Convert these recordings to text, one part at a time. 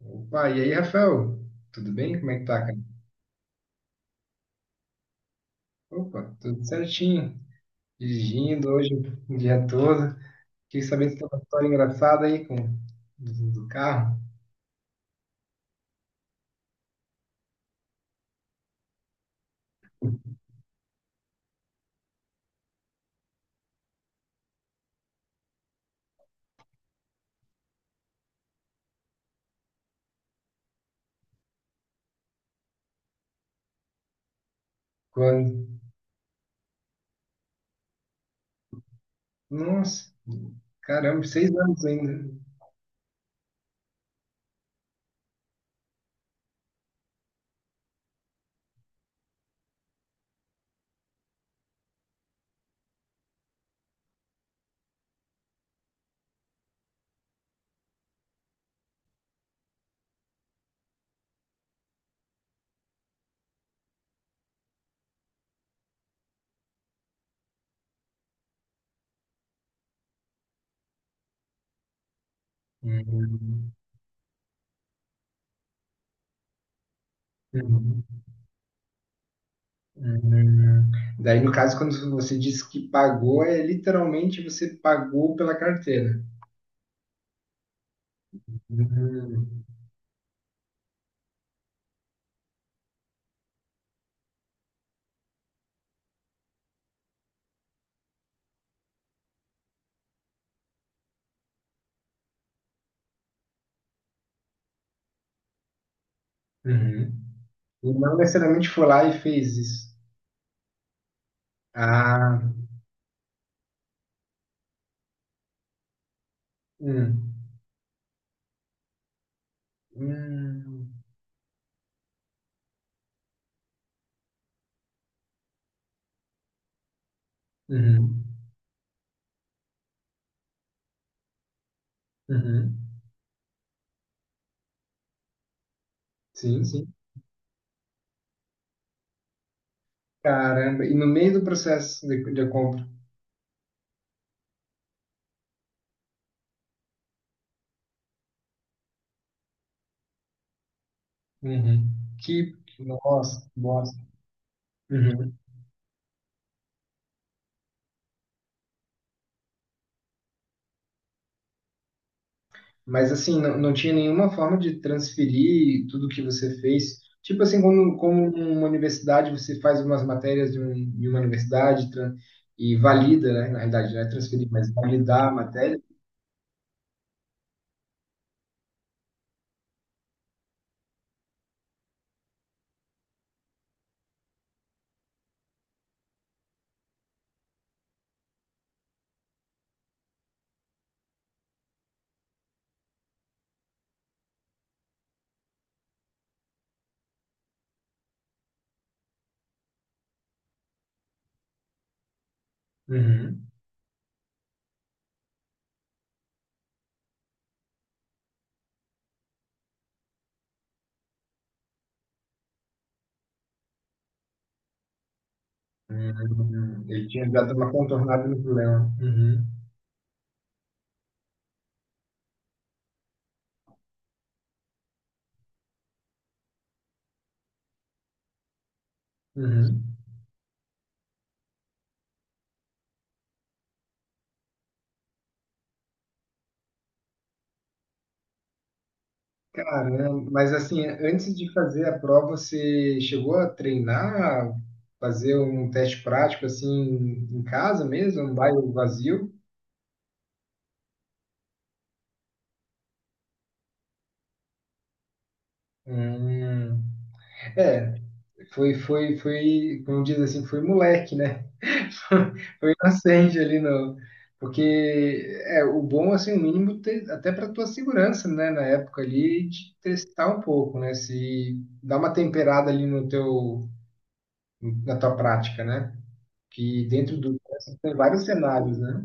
Opa, e aí, Rafael? Tudo bem? Como é que tá, cara? Opa, tudo certinho. Dirigindo hoje o dia todo. Queria saber se tem uma história engraçada aí com do carro. Quando? Nossa, caramba, seis anos ainda. Uhum, uhum, uhum. Daí, no caso, quando você disse que pagou, é literalmente você pagou pela carteira. Uhum, uhum. E não necessariamente foi lá e fez isso. Ah, hum. Hum, uhum, uhum. Sim, sim. Caramba, e no meio do processo de compra. Uhum. Que, nossa, nossa. Uhum. Mas assim, não, não tinha nenhuma forma de transferir tudo que você fez. Tipo assim, como, como uma universidade, você faz umas matérias de uma universidade e valida, né? Na realidade, não é transferir, mas validar a matéria. Uhum. Uhum. Ele tinha dado uma contornada no problema. Uhum. Uhum. Caramba, mas assim, antes de fazer a prova, você chegou a treinar, fazer um teste prático assim em casa mesmo, um bairro vazio? Hum, é, foi, como diz assim, foi moleque, né? Acende ali no. Porque é o bom, assim, o mínimo, até para tua segurança, né? Na época ali, de testar um pouco, né? Se dá uma temperada ali no na tua prática, né? que dentro do tem vários cenários, né?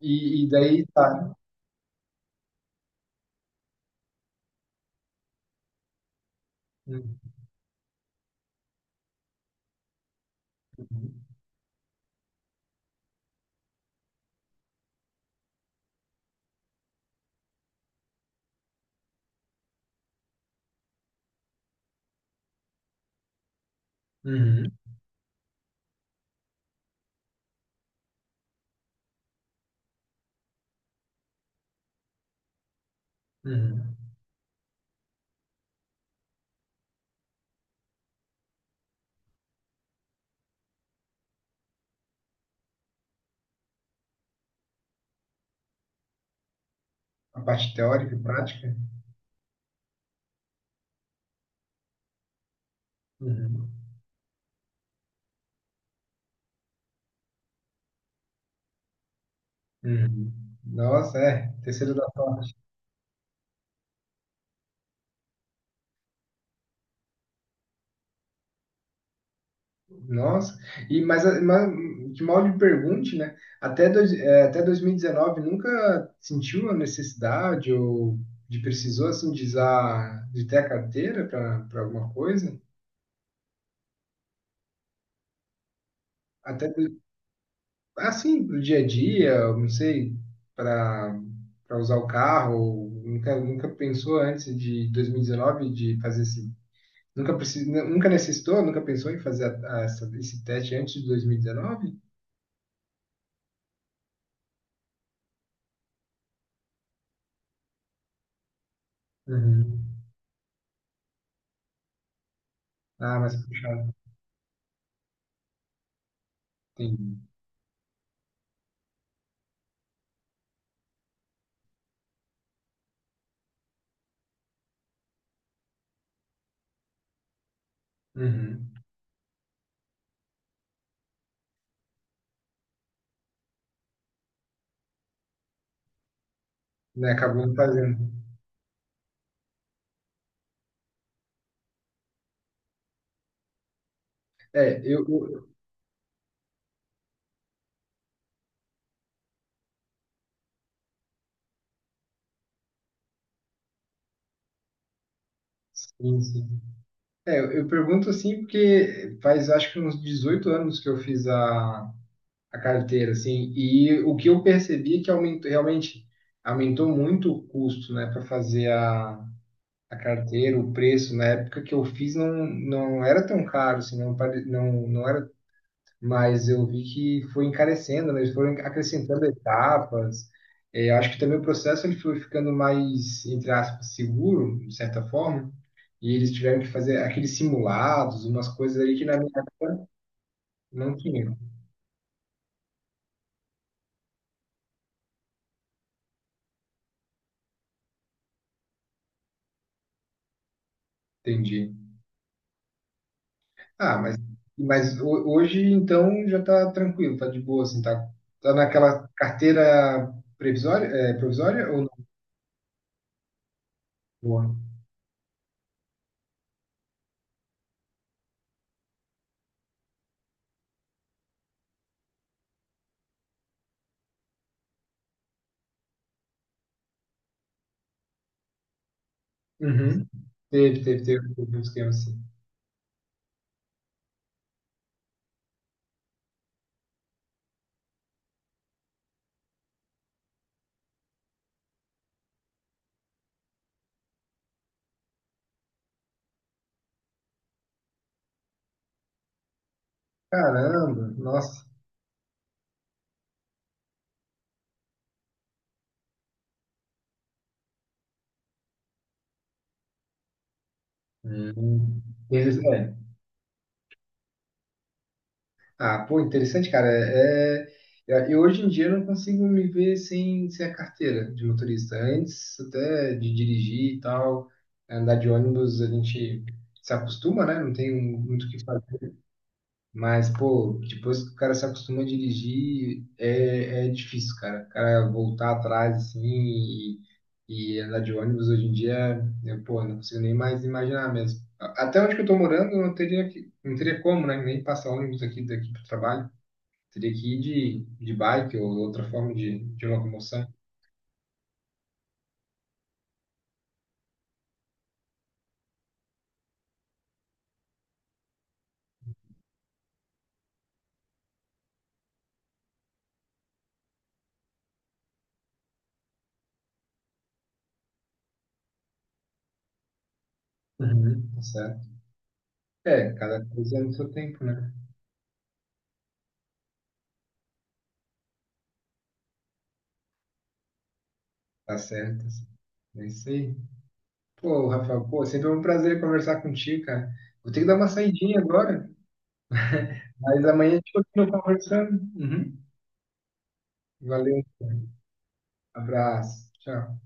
E daí tá. Uhum, uhum, uhum. A parte teórica e prática. Uhum, uhum. Nossa, é, terceiro da sorte. Nossa. E, mas, mas que mal lhe pergunte, né? Até 2019 nunca sentiu a necessidade ou de precisou assim de, usar, de ter a carteira para alguma coisa? Até assim, pro dia a dia, não sei, para para usar o carro, nunca, nunca pensou antes de 2019 de fazer esse. Nunca necessitou, nunca pensou em fazer esse teste antes de 2019? Uhum. Ah, mas puxado, entendi. Uhum. Né, acabou não fazendo. É, eu, eu- sim, sim. É, eu pergunto assim porque faz acho que uns 18 anos que eu fiz a carteira, assim. E o que eu percebi é que aumentou, realmente aumentou muito o custo, né, para fazer a carteira, o preço. Na época que eu fiz não, não era tão caro, assim, não, não, não era, mas eu vi que foi encarecendo, né, eles foram acrescentando etapas. Eh, acho que também o processo ele foi ficando mais, entre aspas, seguro, de certa forma. E eles tiveram que fazer aqueles simulados, umas coisas ali que na minha época não tinha. Entendi. Ah, mas, mas hoje então já tá tranquilo, tá de boa, assim, tá, tá naquela carteira previsória, é, provisória ou não? Boa. Uhum. Teve um esquema assim. Caramba, nossa. Hum. Interessante. Ah, pô, interessante, cara. É, é, eu hoje em dia não consigo me ver sem a carteira de motorista. Antes até de dirigir e tal, andar de ônibus, a gente se acostuma, né? Não tem muito o que fazer. Mas, pô, depois que o cara se acostuma a dirigir, é, é difícil, cara. O cara voltar atrás, assim, e andar de ônibus hoje em dia, eu, pô, não consigo nem mais imaginar mesmo. A- Até onde que eu tô morando, eu não teria, não teria como, né? Nem passar ônibus aqui daqui pro trabalho. Teria que ir de bike ou outra forma de locomoção. Uhum. Tá certo. É, cada coisa é no seu tempo, né? Tá certo. Assim. É isso aí. Pô, Rafael, pô, sempre é um prazer conversar contigo, cara. Vou ter que dar uma saidinha agora, mas amanhã a gente continua conversando. Uhum. Valeu, abraço, tchau.